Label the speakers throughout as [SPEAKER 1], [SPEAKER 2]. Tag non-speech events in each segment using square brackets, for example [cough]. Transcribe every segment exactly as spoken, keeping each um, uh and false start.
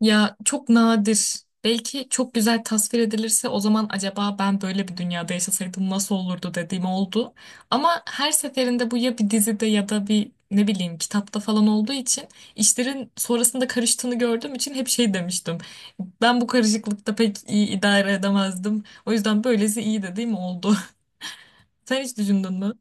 [SPEAKER 1] Ya çok nadir. Belki çok güzel tasvir edilirse o zaman acaba ben böyle bir dünyada yaşasaydım nasıl olurdu dediğim oldu. Ama her seferinde bu ya bir dizide ya da bir ne bileyim kitapta falan olduğu için işlerin sonrasında karıştığını gördüğüm için hep şey demiştim. Ben bu karışıklıkta pek iyi idare edemezdim. O yüzden böylesi iyi dediğim oldu. [laughs] Sen hiç düşündün mü?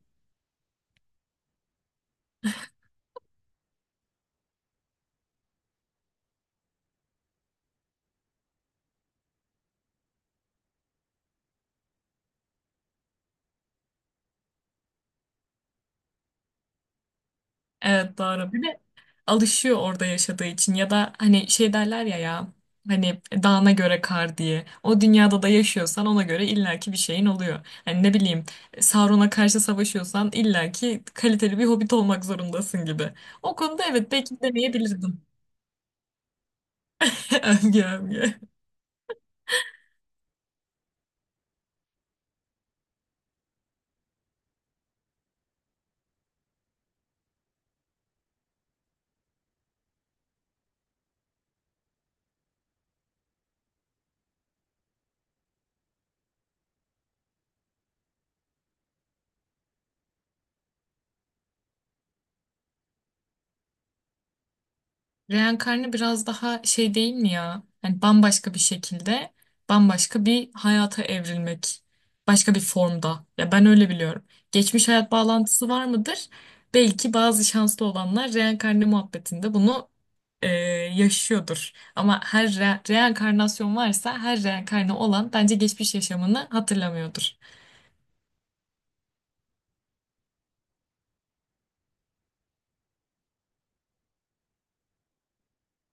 [SPEAKER 1] Evet, doğru. Alışıyor orada yaşadığı için ya da hani şey derler ya ya hani dağına göre kar diye. O dünyada da yaşıyorsan ona göre illaki bir şeyin oluyor. Hani ne bileyim, Sauron'a karşı savaşıyorsan illaki kaliteli bir hobbit olmak zorundasın gibi. O konuda evet, belki deneyebilirdim. [laughs] Övgü, övgü. Reenkarnı biraz daha şey değil mi ya? Yani bambaşka bir şekilde, bambaşka bir hayata evrilmek. Başka bir formda. Ya ben öyle biliyorum. Geçmiş hayat bağlantısı var mıdır? Belki bazı şanslı olanlar reenkarnı muhabbetinde bunu e, yaşıyordur. Ama her re- reenkarnasyon varsa her reenkarnı olan bence geçmiş yaşamını hatırlamıyordur.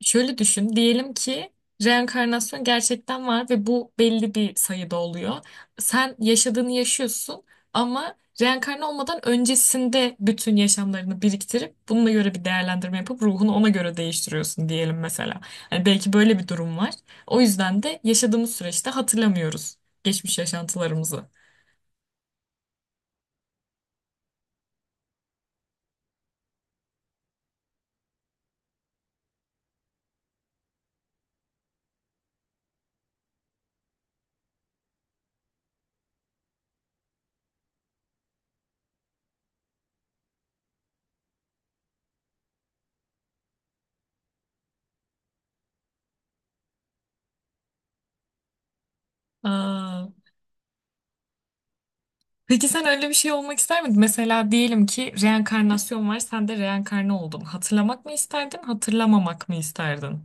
[SPEAKER 1] Şöyle düşün, diyelim ki reenkarnasyon gerçekten var ve bu belli bir sayıda oluyor. Sen yaşadığını yaşıyorsun ama reenkarne olmadan öncesinde bütün yaşamlarını biriktirip bununla göre bir değerlendirme yapıp ruhunu ona göre değiştiriyorsun diyelim mesela. Hani belki böyle bir durum var. O yüzden de yaşadığımız süreçte hatırlamıyoruz geçmiş yaşantılarımızı. Aa. Peki sen öyle bir şey olmak ister miydin? Mesela diyelim ki reenkarnasyon var, sen de reenkarne oldun. Hatırlamak mı isterdin, hatırlamamak mı isterdin?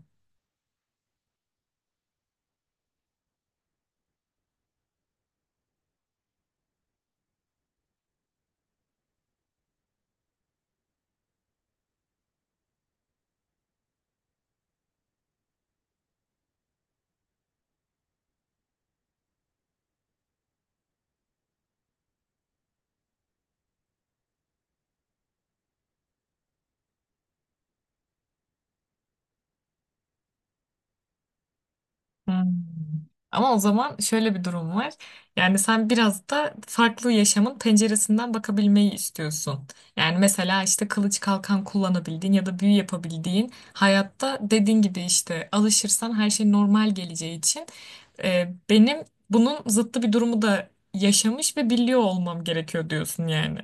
[SPEAKER 1] Hmm. Ama o zaman şöyle bir durum var. Yani sen biraz da farklı yaşamın penceresinden bakabilmeyi istiyorsun. Yani mesela işte kılıç kalkan kullanabildiğin ya da büyü yapabildiğin hayatta dediğin gibi işte alışırsan her şey normal geleceği için e, benim bunun zıttı bir durumu da yaşamış ve biliyor olmam gerekiyor diyorsun yani.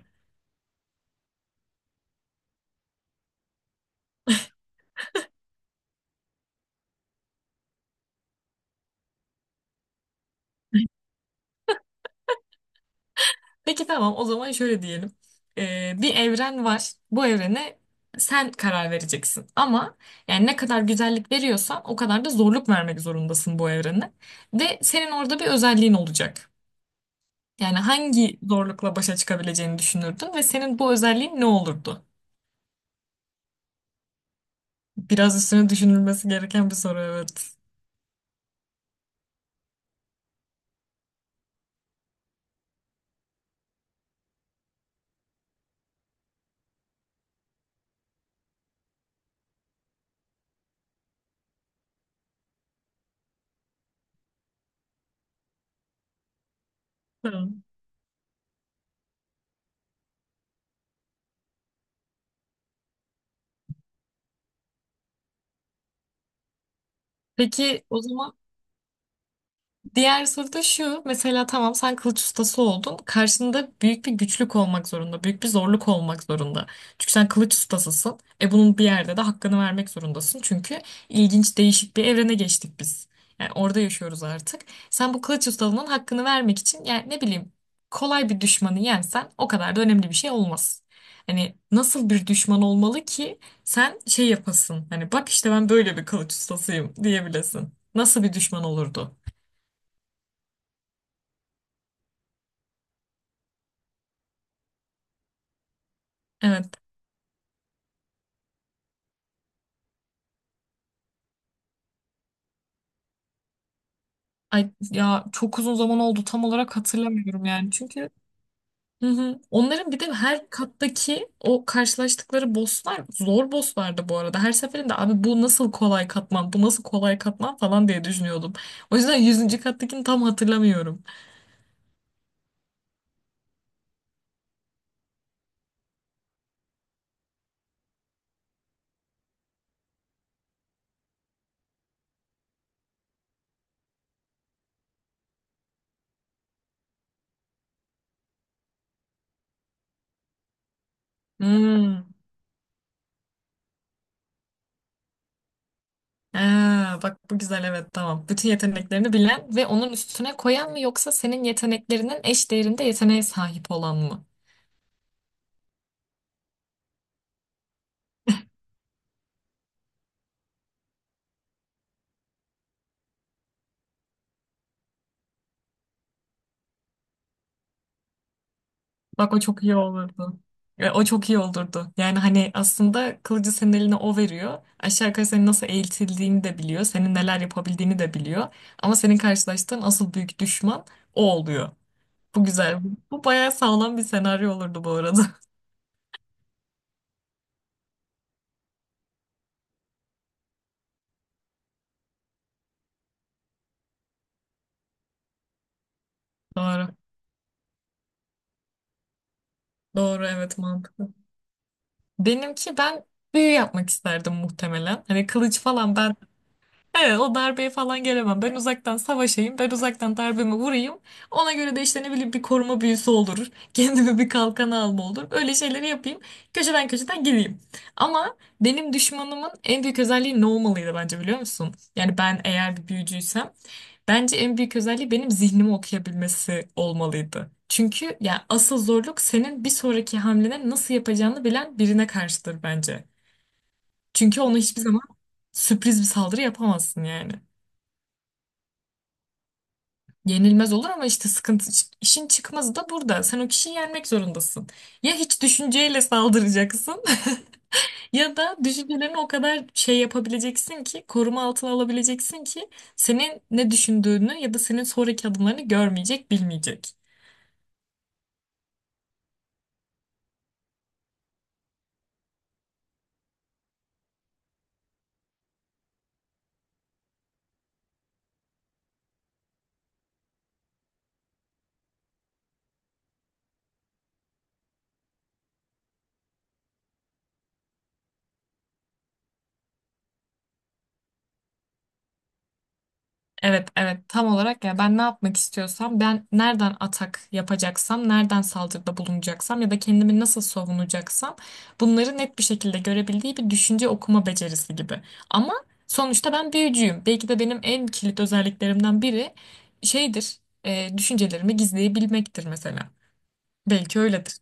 [SPEAKER 1] Peki tamam, o zaman şöyle diyelim. Ee, bir evren var. Bu evrene sen karar vereceksin. Ama yani ne kadar güzellik veriyorsan o kadar da zorluk vermek zorundasın bu evrene. Ve senin orada bir özelliğin olacak. Yani hangi zorlukla başa çıkabileceğini düşünürdün ve senin bu özelliğin ne olurdu? Biraz üstüne düşünülmesi gereken bir soru, evet. Tamam. Peki o zaman, diğer soru da şu. Mesela tamam, sen kılıç ustası oldun. Karşında büyük bir güçlük olmak zorunda. Büyük bir zorluk olmak zorunda. Çünkü sen kılıç ustasısın. E bunun bir yerde de hakkını vermek zorundasın. Çünkü ilginç değişik bir evrene geçtik biz. Yani orada yaşıyoruz artık. Sen bu kılıç ustalığının hakkını vermek için yani ne bileyim, kolay bir düşmanı yensen o kadar da önemli bir şey olmaz. Hani nasıl bir düşman olmalı ki sen şey yapasın. Hani bak işte ben böyle bir kılıç ustasıyım diyebilesin. Nasıl bir düşman olurdu? Evet. Ay ya çok uzun zaman oldu, tam olarak hatırlamıyorum yani, çünkü hı hı. Onların bir de her kattaki o karşılaştıkları bosslar zor bosslardı bu arada. Her seferinde abi bu nasıl kolay katman, bu nasıl kolay katman falan diye düşünüyordum. O yüzden yüzüncü kattakini tam hatırlamıyorum. Hmm. Aa, bak bu güzel, evet tamam. Bütün yeteneklerini bilen ve onun üstüne koyan mı yoksa senin yeteneklerinin eş değerinde yeteneğe sahip olan mı? Bak o çok iyi olurdu. E, o çok iyi olurdu. Yani hani aslında kılıcı senin eline o veriyor. Aşağı yukarı senin nasıl eğitildiğini de biliyor. Senin neler yapabildiğini de biliyor. Ama senin karşılaştığın asıl büyük düşman o oluyor. Bu güzel. Bu bayağı sağlam bir senaryo olurdu bu arada. [laughs] Doğru. Doğru evet, mantıklı. Benimki, ben büyü yapmak isterdim muhtemelen. Hani kılıç falan ben evet, o darbeye falan gelemem. Ben uzaktan savaşayım, ben uzaktan darbemi vurayım. Ona göre de işte ne bileyim bir koruma büyüsü olur. [laughs] Kendime bir kalkanı alma olur. Öyle şeyleri yapayım. Köşeden köşeden geleyim. Ama benim düşmanımın en büyük özelliği ne olmalıydı bence biliyor musun? Yani ben eğer bir büyücüysem bence en büyük özelliği benim zihnimi okuyabilmesi olmalıydı. Çünkü yani asıl zorluk senin bir sonraki hamlene nasıl yapacağını bilen birine karşıdır bence. Çünkü onu hiçbir zaman sürpriz bir saldırı yapamazsın yani. Yenilmez olur ama işte sıkıntı, işin çıkmazı da burada. Sen o kişiyi yenmek zorundasın. Ya hiç düşünceyle saldıracaksın [laughs] ya da düşüncelerini o kadar şey yapabileceksin ki, koruma altına alabileceksin ki senin ne düşündüğünü ya da senin sonraki adımlarını görmeyecek, bilmeyecek. Evet, evet, tam olarak ya ben ne yapmak istiyorsam, ben nereden atak yapacaksam, nereden saldırıda bulunacaksam ya da kendimi nasıl savunacaksam bunları net bir şekilde görebildiği bir düşünce okuma becerisi gibi. Ama sonuçta ben büyücüyüm. Belki de benim en kilit özelliklerimden biri şeydir, e, düşüncelerimi gizleyebilmektir mesela. Belki öyledir.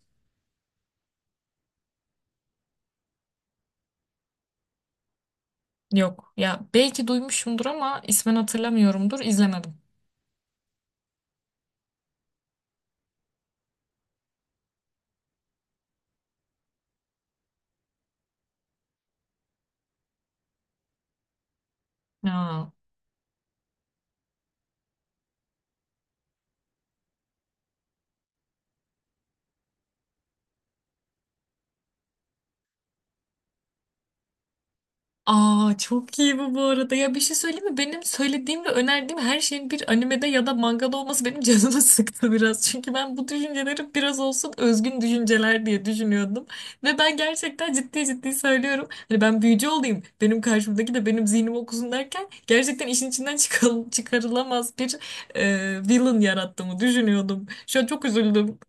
[SPEAKER 1] Yok ya, belki duymuşumdur ama ismen hatırlamıyorumdur, izlemedim. Ya. Aa çok iyi bu bu arada. Ya bir şey söyleyeyim mi? Benim söylediğim ve önerdiğim her şeyin bir animede ya da mangada olması benim canımı [laughs] sıktı biraz. Çünkü ben bu düşünceleri biraz olsun özgün düşünceler diye düşünüyordum. Ve ben gerçekten ciddi ciddi söylüyorum. Hani ben büyücü olayım. Benim karşımdaki de benim zihnimi okusun derken gerçekten işin içinden çıkal- çıkarılamaz bir e, villain yarattığımı düşünüyordum. Şu an çok üzüldüm.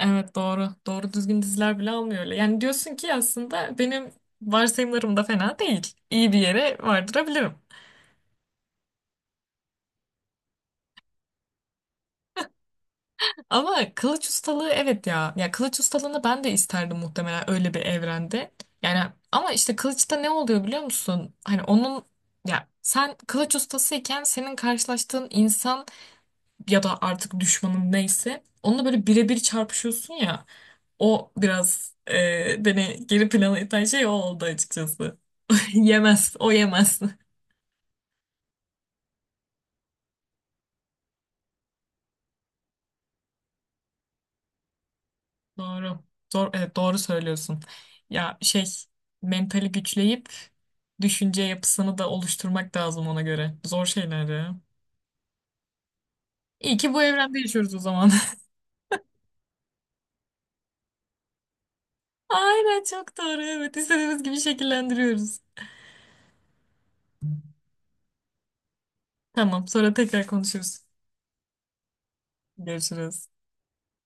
[SPEAKER 1] Evet, doğru. Doğru düzgün diziler bile almıyor öyle. Yani diyorsun ki aslında benim varsayımlarım da fena değil. İyi bir yere vardırabilirim. Ama kılıç ustalığı evet ya. Ya kılıç ustalığını ben de isterdim muhtemelen öyle bir evrende. Yani ama işte kılıçta ne oluyor biliyor musun? Hani onun, ya sen kılıç ustasıyken senin karşılaştığın insan ya da artık düşmanın neyse onunla böyle birebir çarpışıyorsun ya. O biraz e, beni geri plana iten şey o oldu açıkçası. [laughs] Yemez. O yemez. Doğru. Doğru, evet, doğru söylüyorsun. Ya şey, mentali güçleyip düşünce yapısını da oluşturmak lazım ona göre. Zor şeyler ya. İyi ki bu evrende yaşıyoruz o zaman. [laughs] Aynen, çok doğru. Evet, istediğimiz gibi şekillendiriyoruz. Tamam, sonra tekrar konuşuruz. Görüşürüz.